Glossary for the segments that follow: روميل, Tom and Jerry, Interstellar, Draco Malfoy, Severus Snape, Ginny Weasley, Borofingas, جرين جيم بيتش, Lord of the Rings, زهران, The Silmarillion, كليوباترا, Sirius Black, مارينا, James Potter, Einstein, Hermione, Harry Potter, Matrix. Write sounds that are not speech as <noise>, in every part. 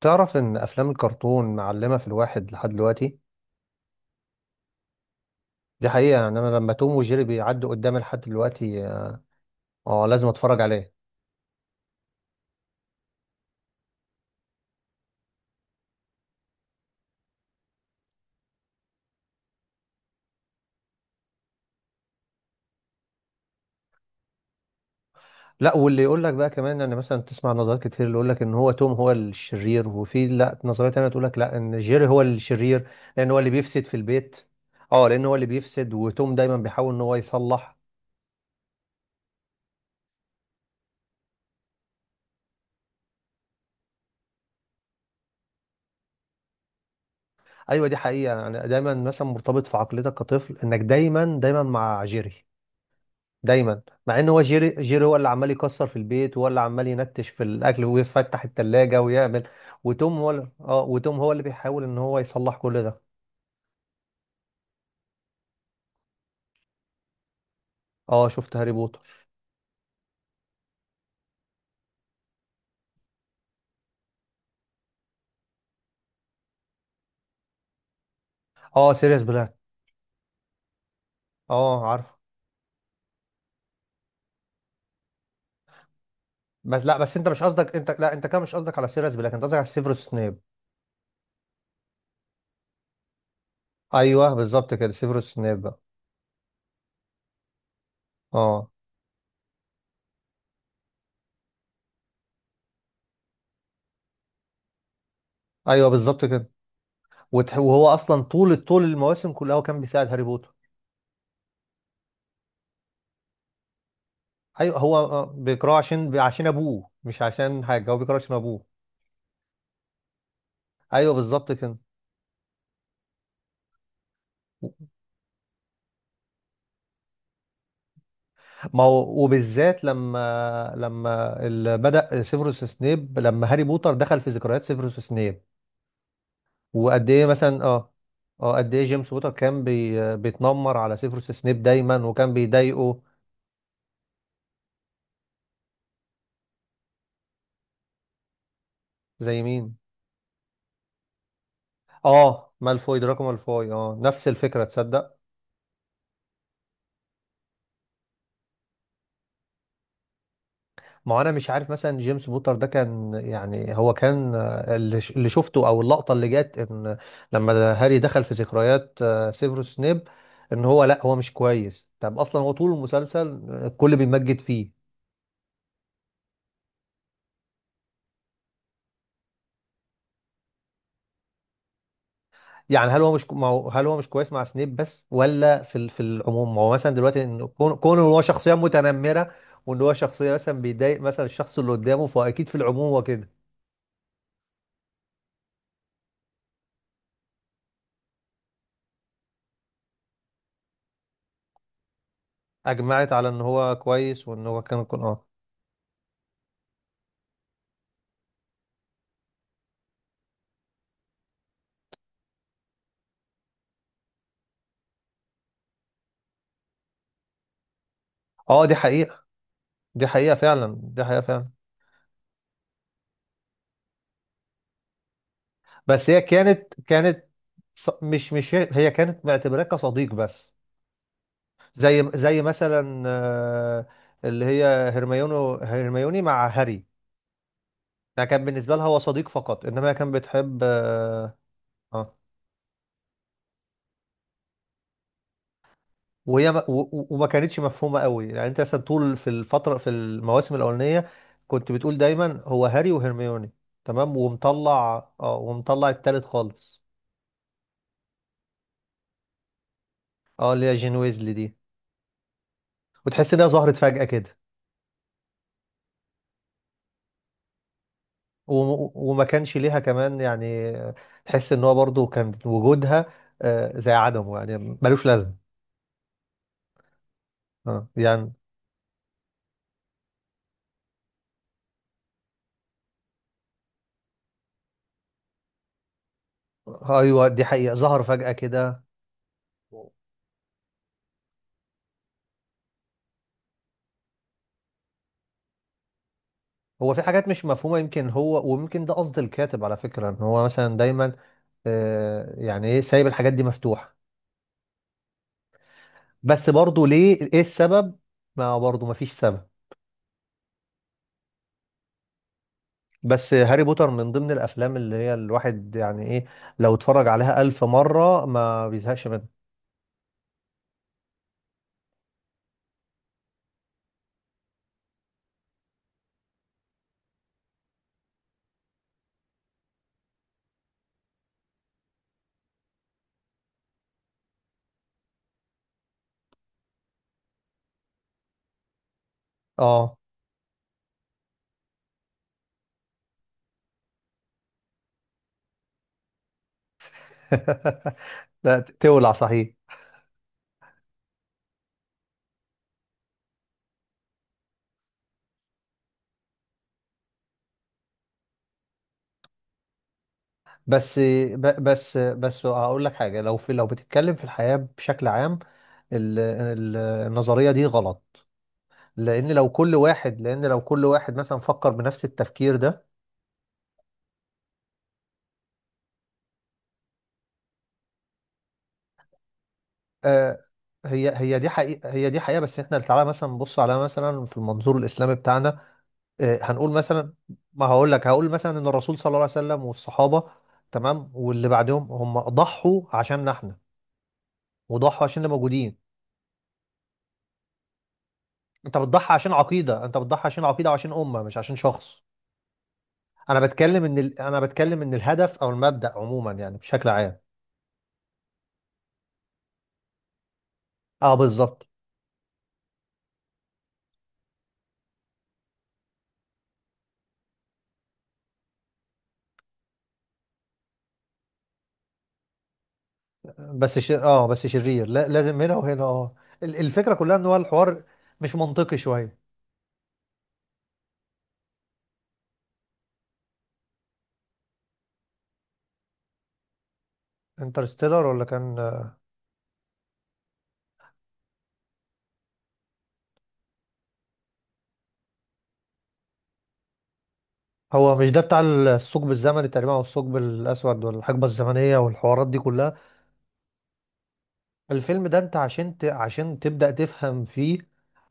تعرف ان افلام الكرتون معلمه في الواحد لحد دلوقتي. دي حقيقه، يعني انا لما توم وجيري بيعدوا قدامي لحد دلوقتي اه آه، لازم اتفرج عليه. لا، واللي يقول لك بقى كمان ان مثلا تسمع نظريات كتير، اللي يقول لك ان هو توم هو الشرير، وفي لا نظريه تانيه تقول لك لا ان جيري هو الشرير، لان هو اللي بيفسد في البيت اه لان هو اللي بيفسد، وتوم دايما بيحاول ان هو يصلح. ايوه، دي حقيقه، يعني دايما مثلا مرتبط في عقليتك كطفل انك دايما دايما مع جيري دايما. مع ان هو جيري هو اللي عمال يكسر في البيت، وهو اللي عمال ينتش في الاكل ويفتح التلاجة ويعمل. وتوم هو اللي بيحاول ان هو يصلح كل ده. اه، شفت هاري بوتر. اه، سيريس بلاك. اه، عارف. بس لا، بس انت مش قصدك، انت لا، انت كده مش قصدك على سيريس بلاك، انت قصدك على سيفروس سنيب. ايوه بالظبط كده، سيفروس سنيب بقى. اه. ايوه بالظبط كده. وهو اصلا طول طول المواسم كلها هو كان بيساعد هاري بوتر. ايوه، هو بيكرهه عشان ابوه، مش عشان حاجه، هو بيكرهه عشان ابوه. ايوه بالظبط كده. ما هو، وبالذات لما بدأ سيفروس سنيب، لما هاري بوتر دخل في ذكريات سيفروس سنيب، وقد ايه مثلا اه اه قد ايه جيمس بوتر كان بيتنمر على سيفروس سنيب دايما وكان بيضايقه زي مين. اه، مالفوي، دراكو مالفوي، اه، نفس الفكرة، تصدق. ما هو انا مش عارف مثلا جيمس بوتر ده كان، يعني هو كان اللي شفته، او اللقطه اللي جت ان لما هاري دخل في ذكريات سيفروس سنيب، ان هو لا، هو مش كويس. طب اصلا هو طول المسلسل الكل بيمجد فيه. يعني هل هو مش ك- ما هو- هل هو مش كويس مع سنيب بس ولا في العموم؟ ما هو مثلا دلوقتي ان كون إن هو شخصيه متنمره، وان هو شخصيه مثلا بيضايق مثلا الشخص اللي قدامه، فاكيد في العموم هو كده. اجمعت على ان هو كويس، وان هو كان. اه، دي حقيقه، دي حقيقة فعلا، دي حقيقة فعلا. بس هي كانت مش هي كانت معتبراه كصديق بس. زي مثلا اللي هي هرميوني مع هاري. يعني كان بالنسبة لها هو صديق فقط، انما هي كانت بتحب اه آه. وهي ما- و- و- وما كانتش مفهومة قوي، يعني انت مثلا طول في الفترة في المواسم الأولانية كنت بتقول دايما هو هاري وهرميوني تمام، ومطلع التالت خالص. اه، اللي هي جين ويزلي دي، وتحس ان هي ظهرت فجأة كده. وما كانش ليها كمان، يعني تحس ان هو برضو كان وجودها زي عدمه، يعني ملوش لازمه. آه، يعني ايوه، دي حقيقه، ظهر فجاه كده. هو في حاجات مش مفهومه، يمكن هو، ويمكن ده قصد الكاتب على فكره ان هو مثلا دايما يعني ايه، سايب الحاجات دي مفتوحه، بس برضو ليه، ايه السبب، ما برضو ما فيش سبب. بس هاري بوتر من ضمن الافلام اللي هي الواحد يعني ايه لو اتفرج عليها الف مره ما بيزهقش منها. اه <laughs> لا، تولع صحيح. بس ب- بس بس هقول لك حاجه، لو في، لو بتتكلم في الحياه بشكل عام، ال- ال- النظريه دي غلط، لان لو كل واحد، لان لو كل واحد مثلا فكر بنفس التفكير ده. آه، هي دي حقيقه، هي دي حقيقه، بس احنا تعالى مثلا نبص على مثلا في المنظور الاسلامي بتاعنا. هنقول مثلا، ما هقول لك، هقول مثلا ان الرسول صلى الله عليه وسلم والصحابه، تمام، واللي بعدهم، هم ضحوا عشاننا احنا، وضحوا عشان اللي موجودين. انت بتضحي عشان عقيده، انت بتضحي عشان عقيده وعشان امه، مش عشان شخص. انا بتكلم ان انا بتكلم ان الهدف او المبدأ عموما، يعني بشكل عام. اه، بالظبط. بس ش... اه بس شرير، لا، لازم هنا وهنا، اه، الفكره كلها ان هو الحوار مش منطقي شويه. انترستيلر ولا كان؟ هو مش ده بتاع الثقب الزمني تقريبا، او الثقب الاسود والحقبه الزمنيه والحوارات دي كلها؟ الفيلم ده انت عشان تبدأ تفهم فيه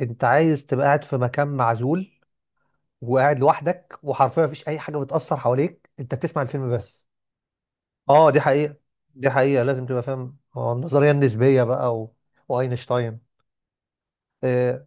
انت عايز تبقى قاعد في مكان معزول وقاعد لوحدك، وحرفيا مفيش اي حاجه بتاثر حواليك، انت بتسمع الفيلم بس. اه، دي حقيقه، دي حقيقه، لازم تبقى فاهم النظريه النسبيه بقى واينشتاين. آه،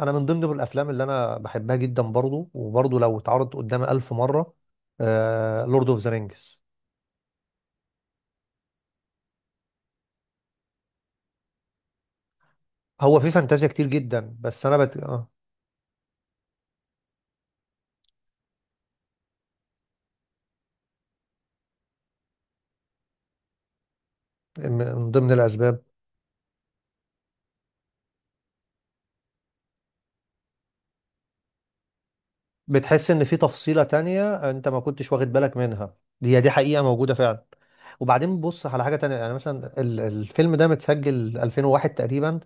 انا من ضمن الافلام اللي انا بحبها جدا برضو، وبرضو لو اتعرضت قدامي ألف مره، لورد اوف ذا رينجز. هو في فانتازيا كتير جدا، بس انا بت... آه، من ضمن الاسباب، بتحس ان في تفصيلة تانية انت ما كنتش واخد بالك منها، هي دي حقيقة موجودة فعلا. وبعدين بص على حاجة تانية، يعني مثلا الفيلم ده متسجل 2001 تقريبا،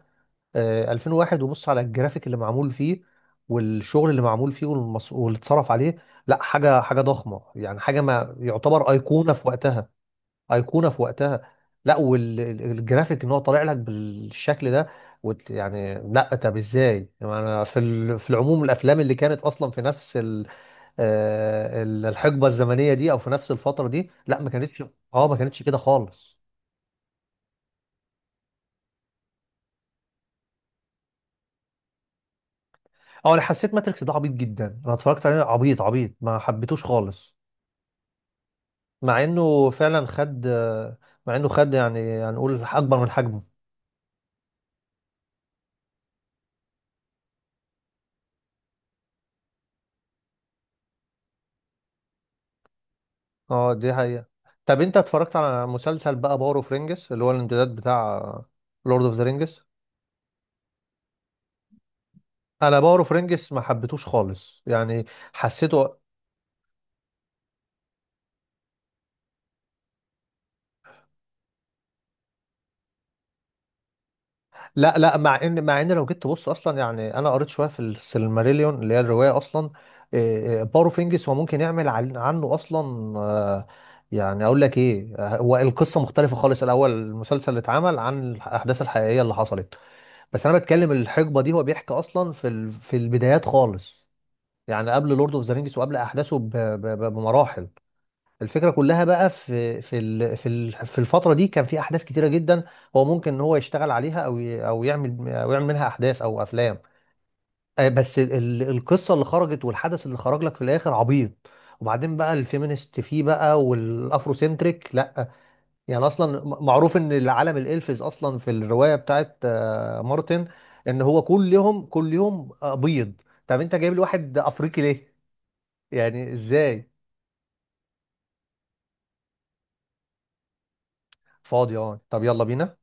2001، وبص على الجرافيك اللي معمول فيه والشغل اللي معمول فيه واللي اتصرف عليه. لا حاجة، حاجة ضخمة، يعني حاجة ما، يعتبر أيقونة في وقتها، أيقونة في وقتها. لا، والجرافيك ان هو طالع لك بالشكل ده، وت... يعني لا طب ازاي؟ يعني انا في العموم الافلام اللي كانت اصلا في نفس الحقبه الزمنيه دي، او في نفس الفتره دي، لا ما كانتش، اه، ما كانتش كده خالص. اه، انا حسيت ماتريكس ده عبيط جدا، انا اتفرجت عليه عبيط عبيط، ما حبيتوش خالص. مع انه فعلا خد آه، مع انه خد يعني هنقول اكبر من حجمه. اه، دي حقيقه. طب انت اتفرجت على مسلسل بقى باور اوف رينجز اللي هو الامتداد بتاع لورد اوف ذا رينجز؟ انا باور اوف رينجز ما حبيتوش خالص، يعني حسيته. لا لا، مع ان لو جيت تبص اصلا، يعني انا قريت شويه في السيلماريليون اللي هي الروايه اصلا. إيه، إيه، بوروفينجس هو ممكن يعمل عنه اصلا. آه، يعني اقول لك ايه، هو القصه مختلفه خالص الاول، المسلسل اللي اتعمل عن الاحداث الحقيقيه اللي حصلت، بس انا بتكلم الحقبه دي هو بيحكي اصلا في البدايات خالص، يعني قبل لورد اوف ذا رينجز وقبل احداثه بمراحل. الفكرة كلها بقى في الفترة دي كان في أحداث كتيرة جدا، هو ممكن إن هو يشتغل عليها، أو يعمل منها أحداث أو أفلام. بس القصة اللي خرجت والحدث اللي خرج لك في الآخر عبيط، وبعدين بقى الفيمينست فيه بقى والأفرو سنتريك، لأ. يعني أصلا معروف إن العالم الإلفز أصلا في الرواية بتاعت مارتن، إن هو كل يوم كل يوم بيض. طب أنت جايب لي واحد أفريقي ليه؟ يعني إزاي؟ فاضي أه، طب يلا بينا.